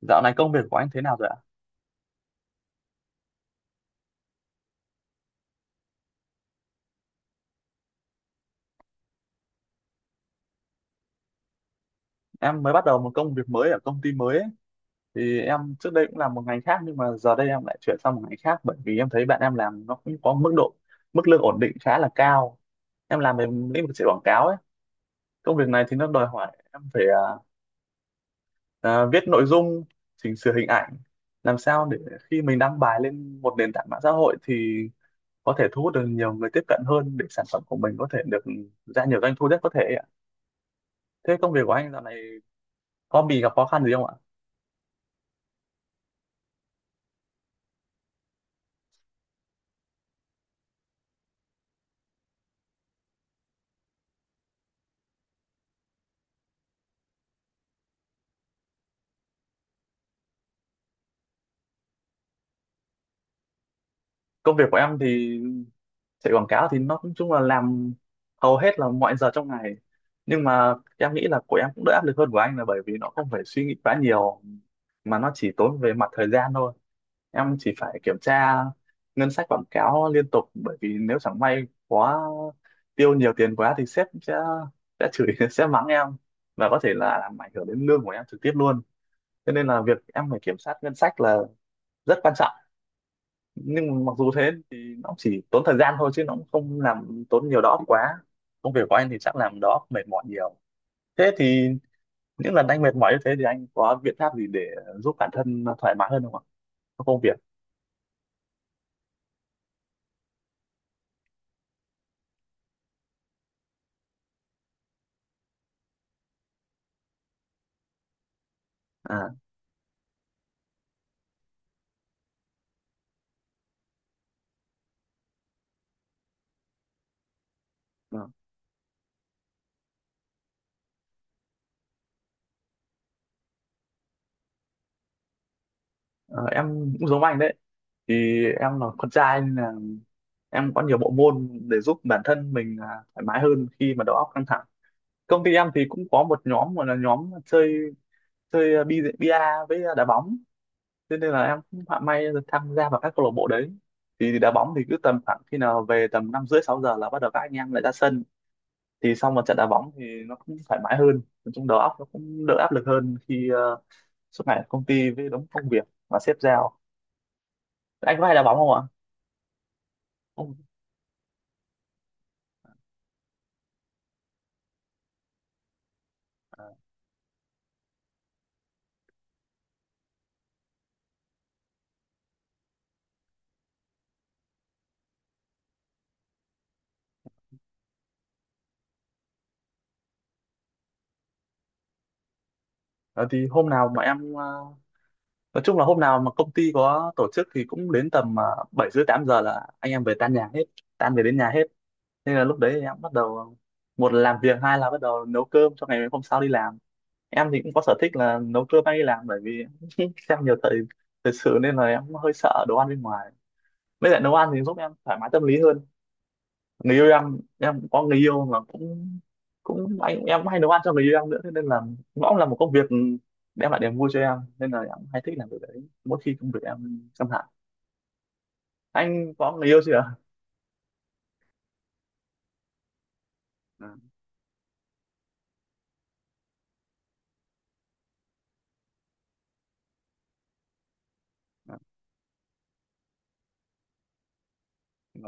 Dạo này công việc của anh thế nào rồi ạ? Em mới bắt đầu một công việc mới ở công ty mới ấy. Thì em trước đây cũng làm một ngành khác nhưng mà giờ đây em lại chuyển sang một ngành khác, bởi vì em thấy bạn em làm nó cũng có mức lương ổn định khá là cao. Em làm về lĩnh vực chạy quảng cáo ấy. Công việc này thì nó đòi hỏi em phải viết nội dung, chỉnh sửa hình ảnh, làm sao để khi mình đăng bài lên một nền tảng mạng xã hội thì có thể thu hút được nhiều người tiếp cận hơn, để sản phẩm của mình có thể được ra nhiều doanh thu nhất có thể ấy ạ. Thế công việc của anh dạo này có bị gặp khó khăn gì không ạ? Công việc của em thì chạy quảng cáo thì nó cũng chung là làm hầu hết là mọi giờ trong ngày, nhưng mà em nghĩ là của em cũng đỡ áp lực hơn của anh, là bởi vì nó không phải suy nghĩ quá nhiều mà nó chỉ tốn về mặt thời gian thôi. Em chỉ phải kiểm tra ngân sách quảng cáo liên tục, bởi vì nếu chẳng may quá tiêu nhiều tiền quá thì sếp sẽ chửi sẽ mắng em, và có thể là làm ảnh hưởng đến lương của em trực tiếp luôn. Cho nên là việc em phải kiểm soát ngân sách là rất quan trọng. Nhưng mà mặc dù thế thì nó chỉ tốn thời gian thôi chứ nó cũng không làm tốn nhiều đó quá. Công việc của anh thì chắc làm đó mệt mỏi nhiều. Thế thì những lần anh mệt mỏi như thế thì anh có biện pháp gì để giúp bản thân thoải mái hơn không ạ, trong công việc? à Ờ, ờ, em cũng giống anh đấy. Thì em là con trai nên là em có nhiều bộ môn để giúp bản thân mình thoải mái hơn khi mà đầu óc căng thẳng. Công ty em thì cũng có một nhóm gọi là nhóm chơi chơi bi bia với đá bóng. Thế nên là em cũng họa may được tham gia vào các câu lạc bộ đấy. Thì đá bóng thì cứ tầm khoảng khi nào về, tầm năm rưỡi sáu giờ là bắt đầu các anh em lại ra sân. Thì sau một trận đá bóng thì nó cũng thoải mái hơn, nói chung đầu óc nó cũng đỡ áp lực hơn khi suốt ngày ở công ty với đống công việc và sếp giao. Anh có hay đá bóng không ạ? Không. À, ờ, thì hôm nào mà em nói chung là hôm nào mà công ty có tổ chức thì cũng đến tầm bảy rưỡi tám giờ là anh em về tan nhà hết, tan về đến nhà hết. Nên là lúc đấy em bắt đầu, một là làm việc, hai là bắt đầu nấu cơm cho ngày hôm sau đi làm. Em thì cũng có sở thích là nấu cơm hay đi làm bởi vì xem nhiều thời thời sự nên là em cũng hơi sợ đồ ăn bên ngoài. Với lại nấu ăn thì giúp em thoải mái tâm lý hơn. Người yêu Em cũng có người yêu, mà cũng cũng anh em cũng hay nấu ăn cho người yêu em nữa, thế nên là nó cũng là một công việc đem lại niềm vui cho em, nên là em cũng hay thích làm việc đấy mỗi khi công việc em căng thẳng. Anh có người yêu chưa ạ? Ừ, ừ, ừ.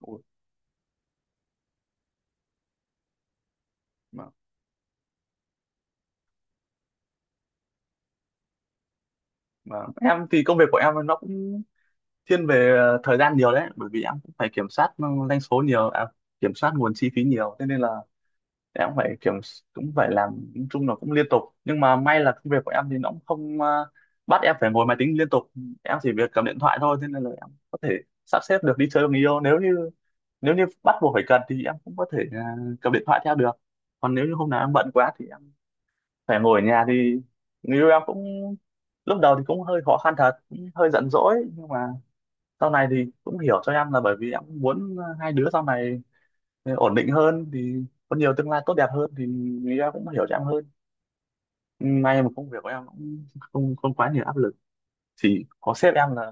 Ủa, mà, mà em thì công việc của em nó cũng thiên về thời gian nhiều đấy, bởi vì em cũng phải kiểm soát doanh số nhiều, kiểm soát nguồn chi phí nhiều, thế nên là em cũng phải cũng phải làm, nói chung là cũng liên tục. Nhưng mà may là công việc của em thì nó cũng không bắt em phải ngồi máy tính liên tục. Em chỉ việc cầm điện thoại thôi, thế nên là em có thể sắp xếp được đi chơi với người yêu, nếu như bắt buộc phải cần thì em cũng có thể cầm điện thoại theo được. Còn nếu như hôm nào em bận quá thì em phải ngồi ở nhà thì người yêu em cũng, lúc đầu thì cũng hơi khó khăn thật, cũng hơi giận dỗi, nhưng mà sau này thì cũng hiểu cho em, là bởi vì em cũng muốn hai đứa sau này ổn định hơn thì có nhiều tương lai tốt đẹp hơn, thì người ta cũng hiểu cho em hơn. Ừ, may mà công việc của em cũng không không quá nhiều áp lực, chỉ có sếp em là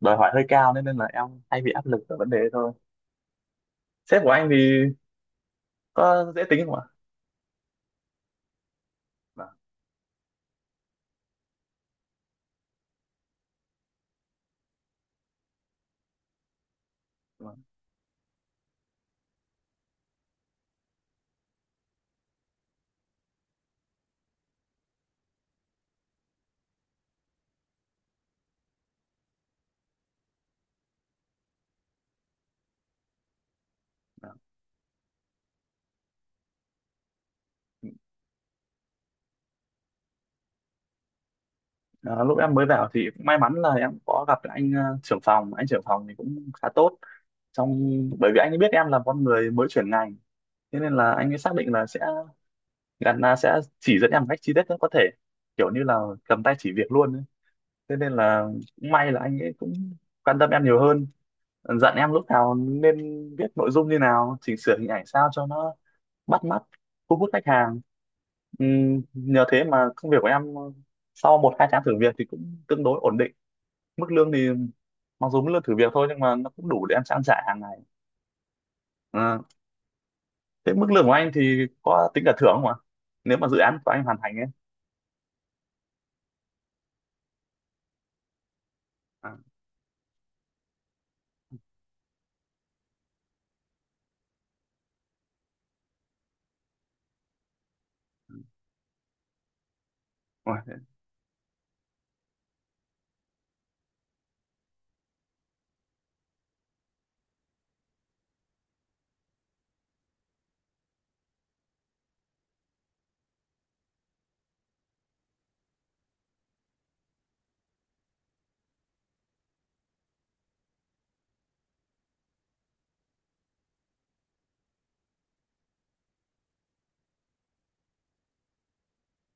đòi hỏi hơi cao nên nên là em hay bị áp lực ở vấn đề đấy thôi. Sếp của anh thì có dễ tính không ạ? Vâng, vâng, vâng. Ờ, lúc em mới vào thì cũng may mắn là em có gặp lại anh trưởng phòng, thì cũng khá tốt. trong Bởi vì anh ấy biết em là con người mới chuyển ngành, thế nên là anh ấy xác định là sẽ gắn là sẽ chỉ dẫn em một cách chi tiết nhất có thể, kiểu như là cầm tay chỉ việc luôn ấy. Thế nên là cũng may là anh ấy cũng quan tâm em nhiều hơn, dặn em lúc nào nên viết nội dung như nào, chỉnh sửa hình ảnh sao cho nó bắt mắt, thu hút khách hàng. Nhờ thế mà công việc của em sau một hai tháng thử việc thì cũng tương đối ổn định. Mức lương thì, mặc dù mức lương thử việc thôi nhưng mà nó cũng đủ để em trang trải hàng ngày. à, Thế mức lương của anh thì có tính cả thưởng không ạ, nếu mà dự án của anh hoàn thành ấy? à, Rồi, thế.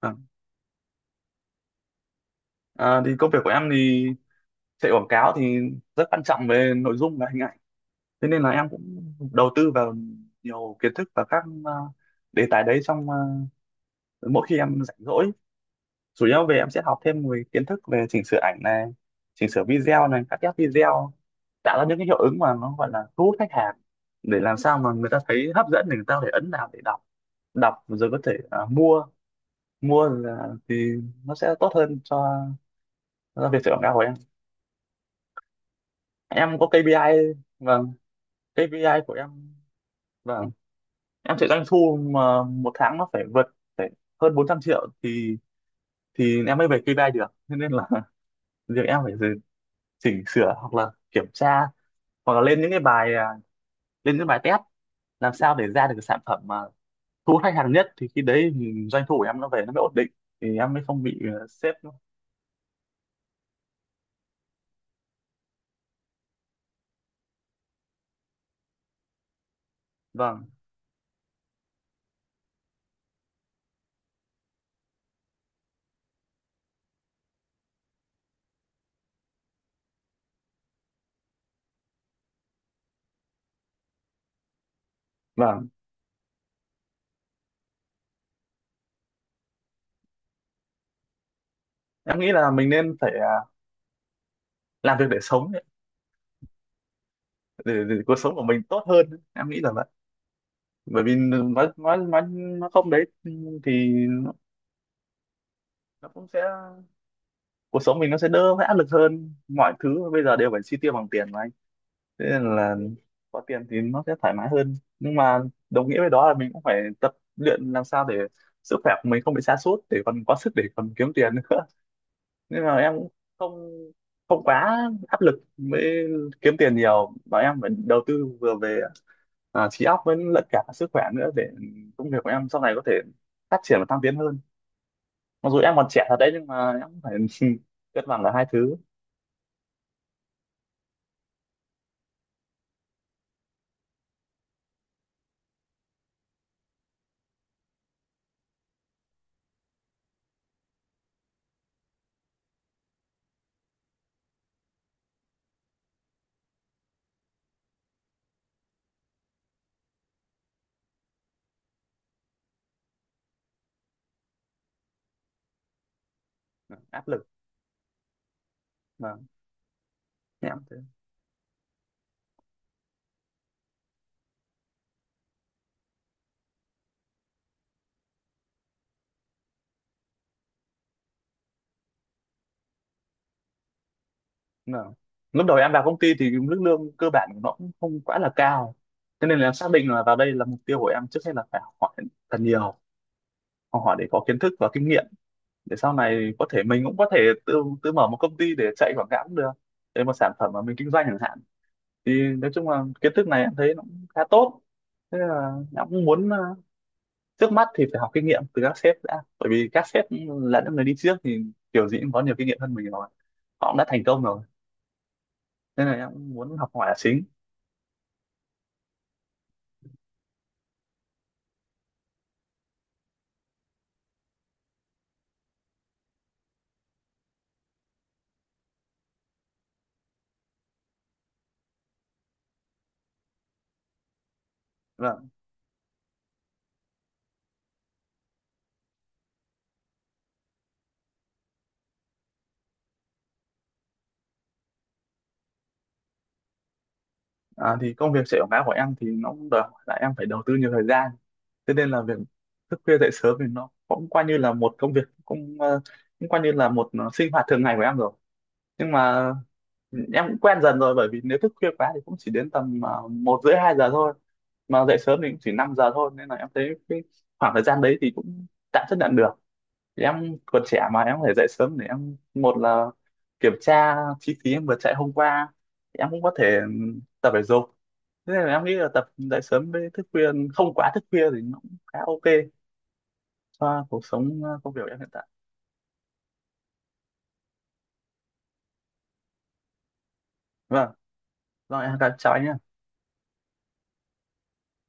À. À, thì công việc của em thì chạy quảng cáo thì rất quan trọng về nội dung và hình ảnh. Thế nên là em cũng đầu tư vào nhiều kiến thức và các đề tài đấy trong mỗi khi em rảnh rỗi. Chủ yếu về em sẽ học thêm về kiến thức về chỉnh sửa ảnh này, chỉnh sửa video này, cắt ghép video, tạo ra những cái hiệu ứng mà nó gọi là thu hút khách hàng, để làm sao mà người ta thấy hấp dẫn, để người ta có thể ấn vào để đọc, đọc rồi có thể mua, thì nó sẽ tốt hơn cho việc chạy quảng cáo của em. Em có KPI. Vâng. KPI của em. Vâng, em sẽ doanh thu mà một tháng nó phải vượt, phải hơn 400 triệu thì em mới về KPI được. Thế nên là việc em phải chỉnh sửa hoặc là kiểm tra hoặc là lên những cái bài, lên những bài test, làm sao để ra được cái sản phẩm mà thu hút khách hàng nhất, thì khi đấy thì doanh thu của em nó về nó mới ổn định, thì em mới không bị sếp nó-. Vâng, vâng, em nghĩ là mình nên phải làm việc để sống ấy, để cuộc sống của mình tốt hơn. Em nghĩ là vậy, bởi vì nói nó không đấy thì nó cũng sẽ, cuộc sống mình nó sẽ đỡ phải áp lực hơn. Mọi thứ bây giờ đều phải chi tiêu bằng tiền mà anh, thế nên là có tiền thì nó sẽ thoải mái hơn. Nhưng mà đồng nghĩa với đó là mình cũng phải tập luyện làm sao để sức khỏe của mình không bị sa sút, để còn có sức để còn kiếm tiền nữa nên là em cũng không không quá áp lực mới kiếm tiền nhiều, mà em phải đầu tư vừa về trí óc với lẫn cả sức khỏe nữa, để công việc của em sau này có thể phát triển và thăng tiến hơn. Mặc dù em còn trẻ thật đấy nhưng mà em cũng phải cân bằng cả hai thứ. Áp lực mà em thế mà, lúc đầu em vào công ty thì mức lương cơ bản của nó cũng không quá là cao, cho nên là em xác định là vào đây là mục tiêu của em trước hết là phải học hỏi thật nhiều, học hỏi để có kiến thức và kinh nghiệm, để sau này có thể mình cũng có thể tự tự mở một công ty để chạy quảng cáo cũng được, để một sản phẩm mà mình kinh doanh chẳng hạn. Thì nói chung là kiến thức này em thấy nó cũng khá tốt, thế là em cũng muốn trước mắt thì phải học kinh nghiệm từ các sếp đã, bởi vì các sếp là những người đi trước thì kiểu gì cũng có nhiều kinh nghiệm hơn mình rồi, họ cũng đã thành công rồi, nên là em muốn học hỏi là chính. Vâng, thì công việc chạy quảng cáo của em thì nó cũng đòi hỏi là em phải đầu tư nhiều thời gian. Thế nên là việc thức khuya dậy sớm thì nó cũng coi như là một công việc, cũng coi như là một sinh hoạt thường ngày của em rồi. Nhưng mà em cũng quen dần rồi, bởi vì nếu thức khuya quá thì cũng chỉ đến tầm một rưỡi hai giờ thôi, mà dậy sớm thì cũng chỉ 5 giờ thôi, nên là em thấy cái khoảng thời gian đấy thì cũng tạm chấp nhận được. Thì em còn trẻ mà, em có thể dậy sớm để em một là kiểm tra chi phí em vừa chạy hôm qua. Thì em cũng có thể tập thể dục, thế nên là em nghĩ là tập dậy sớm với thức khuya không quá thức khuya thì nó cũng khá ok cho cuộc sống, công việc của em hiện tại. Vâng, rồi em chào anh nhé.